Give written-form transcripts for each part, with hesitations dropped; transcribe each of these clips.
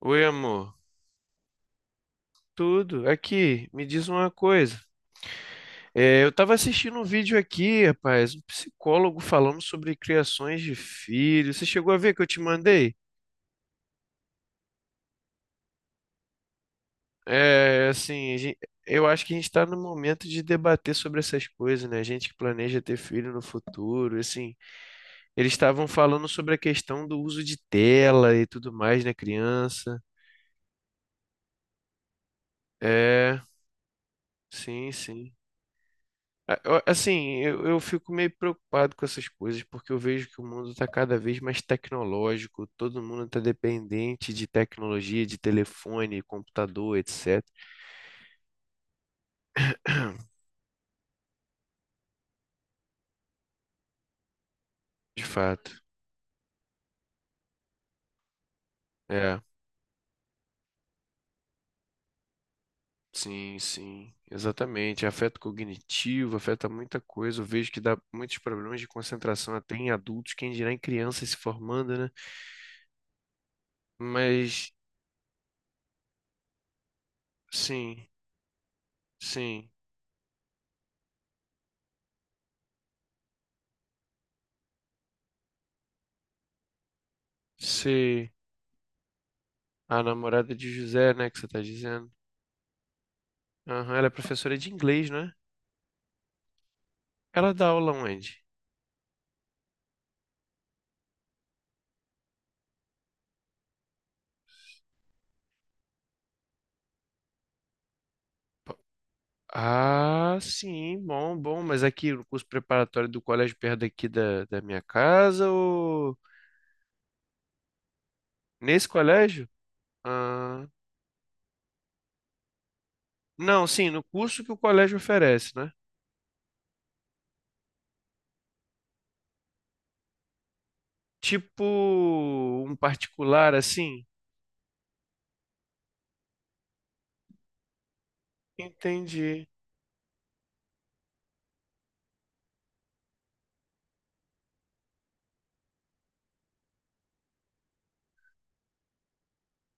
Oi, amor. Tudo? Aqui, me diz uma coisa. Eu estava assistindo um vídeo aqui, rapaz, um psicólogo falando sobre criações de filhos. Você chegou a ver que eu te mandei? É, assim, a gen- eu acho que a gente está no momento de debater sobre essas coisas, né? Gente que planeja ter filho no futuro, assim. Eles estavam falando sobre a questão do uso de tela e tudo mais na criança. É, sim, sim. Assim, eu fico meio preocupado com essas coisas, porque eu vejo que o mundo está cada vez mais tecnológico, todo mundo está dependente de tecnologia, de telefone, computador, etc. De fato. É, sim, sim, exatamente. Afeto cognitivo, afeta muita coisa. Eu vejo que dá muitos problemas de concentração até em adultos, quem dirá em crianças se formando, né? Mas, sim, sim. Se a namorada de José, né, que você está dizendo. Aham, ela é professora de inglês, né? Ela dá aula onde? Po- Ah, sim, bom, bom, mas aqui no curso preparatório do colégio perto daqui da minha casa ou nesse colégio? Ah, não, sim, no curso que o colégio oferece, né? Tipo um particular assim? Entendi.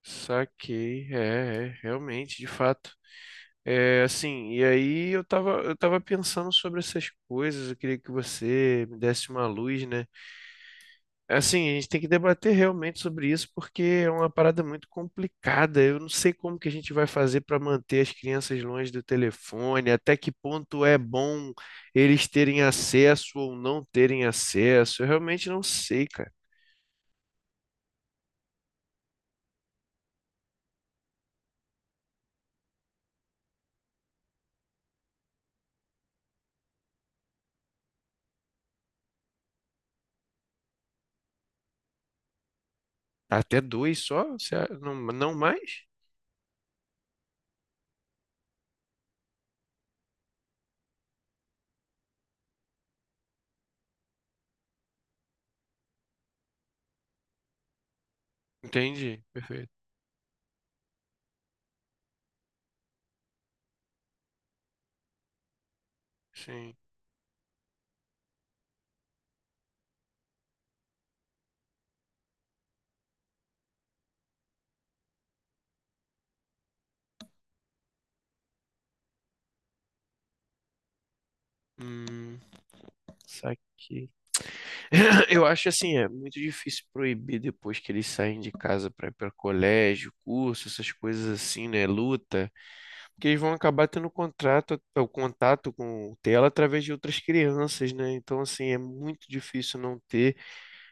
Saquei, realmente, de fato. E aí eu tava pensando sobre essas coisas, eu queria que você me desse uma luz, né? Assim, a gente tem que debater realmente sobre isso, porque é uma parada muito complicada. Eu não sei como que a gente vai fazer para manter as crianças longe do telefone, até que ponto é bom eles terem acesso ou não terem acesso. Eu realmente não sei, cara. Tá. Até dois só? Não, não mais? Entendi, perfeito. Sim. Hum, saquei. Eu acho assim, é muito difícil proibir depois que eles saem de casa para ir para colégio, curso, essas coisas assim, né? Luta. Que eles vão acabar tendo o contato com o tela através de outras crianças, né? Então, assim, é muito difícil não ter.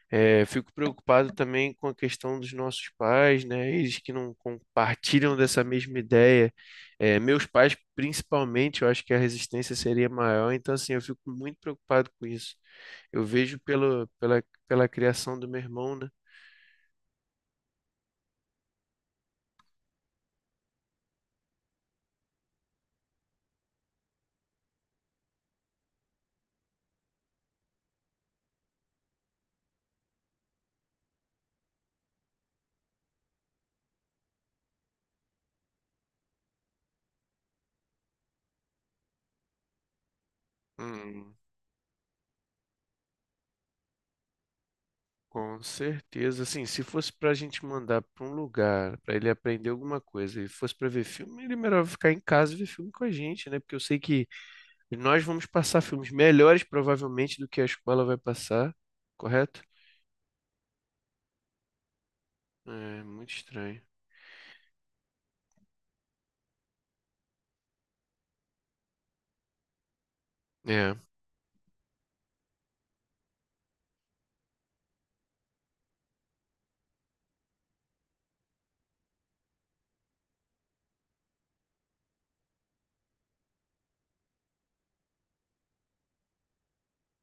Fico preocupado também com a questão dos nossos pais, né? Eles que não compartilham dessa mesma ideia. Meus pais, principalmente, eu acho que a resistência seria maior. Então, assim, eu fico muito preocupado com isso. Eu vejo pela criação do meu irmão, né? Hum. Com certeza, assim, se fosse pra gente mandar pra um lugar, pra ele aprender alguma coisa, e fosse pra ver filme, ele melhor ficar em casa e ver filme com a gente, né? Porque eu sei que nós vamos passar filmes melhores, provavelmente, do que a escola vai passar, correto? É, muito estranho. É.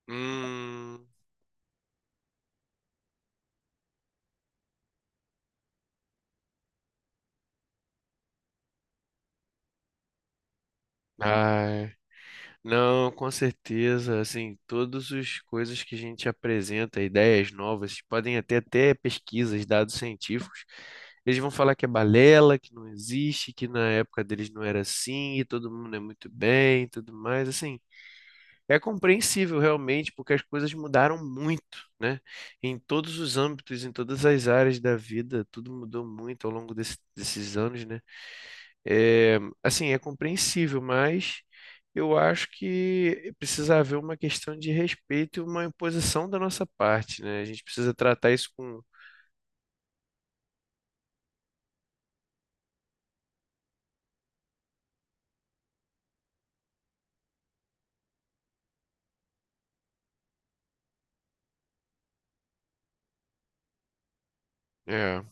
Hum. Ai. Não, com certeza, assim, todas as coisas que a gente apresenta, ideias novas, podem até pesquisas, dados científicos, eles vão falar que é balela, que não existe, que na época deles não era assim, e todo mundo é muito bem, e tudo mais, assim, é compreensível realmente, porque as coisas mudaram muito, né? Em todos os âmbitos, em todas as áreas da vida, tudo mudou muito ao longo desses anos, né? É, é compreensível, mas eu acho que precisa haver uma questão de respeito e uma imposição da nossa parte, né? A gente precisa tratar isso com, é.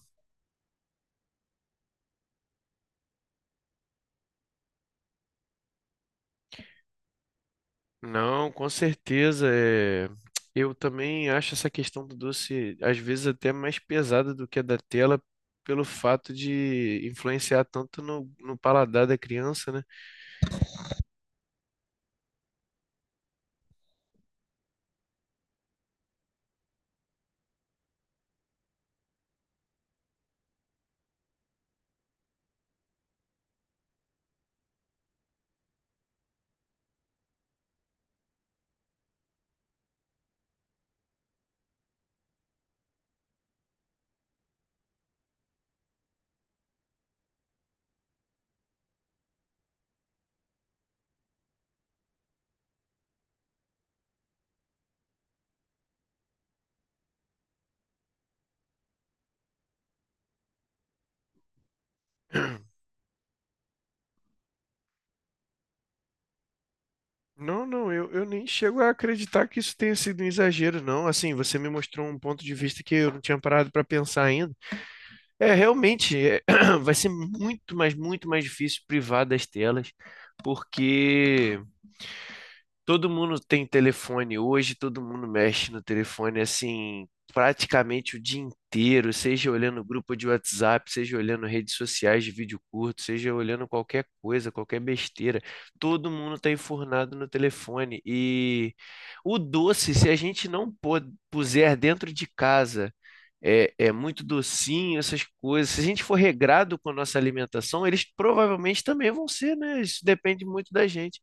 Não, com certeza. Eu também acho essa questão do doce, às vezes, até mais pesada do que a da tela, pelo fato de influenciar tanto no paladar da criança, né? Não, não, eu nem chego a acreditar que isso tenha sido um exagero, não. Assim, você me mostrou um ponto de vista que eu não tinha parado para pensar ainda. É, realmente, é, vai ser muito, mas muito mais difícil privar das telas, porque. Todo mundo tem telefone hoje, todo mundo mexe no telefone assim, praticamente o dia inteiro, seja olhando grupo de WhatsApp, seja olhando redes sociais de vídeo curto, seja olhando qualquer coisa, qualquer besteira. Todo mundo está enfurnado no telefone. E o doce, se a gente não pô- puser dentro de casa, é muito docinho, essas coisas. Se a gente for regrado com a nossa alimentação, eles provavelmente também vão ser, né? Isso depende muito da gente.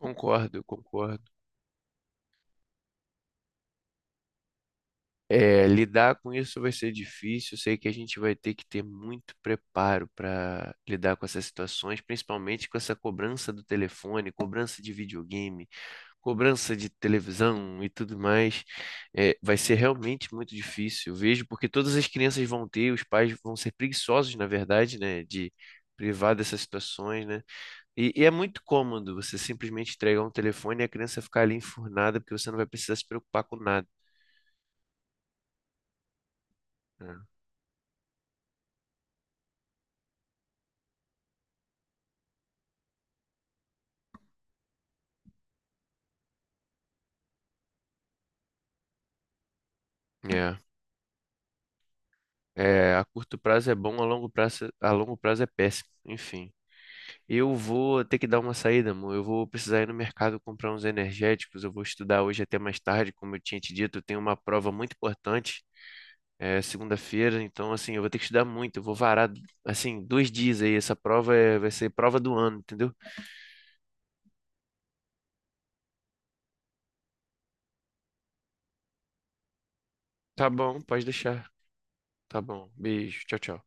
Concordo, concordo. É, lidar com isso vai ser difícil. Sei que a gente vai ter que ter muito preparo para lidar com essas situações, principalmente com essa cobrança do telefone, cobrança de videogame, cobrança de televisão e tudo mais. É, vai ser realmente muito difícil. Eu vejo porque todas as crianças vão ter, os pais vão ser preguiçosos, na verdade, né, de privar dessas situações, né? E é muito cômodo você simplesmente entregar um telefone e a criança ficar ali enfurnada porque você não vai precisar se preocupar com nada. Né? É. É, a curto prazo é bom, a longo prazo é péssimo. Enfim, eu vou ter que dar uma saída, amor. Eu vou precisar ir no mercado comprar uns energéticos. Eu vou estudar hoje até mais tarde, como eu tinha te dito. Eu tenho uma prova muito importante, segunda-feira. Então, assim, eu vou ter que estudar muito. Eu vou varar, assim, dois dias aí. Vai ser prova do ano, entendeu? Tá bom, pode deixar. Tá bom. Beijo. Tchau, tchau.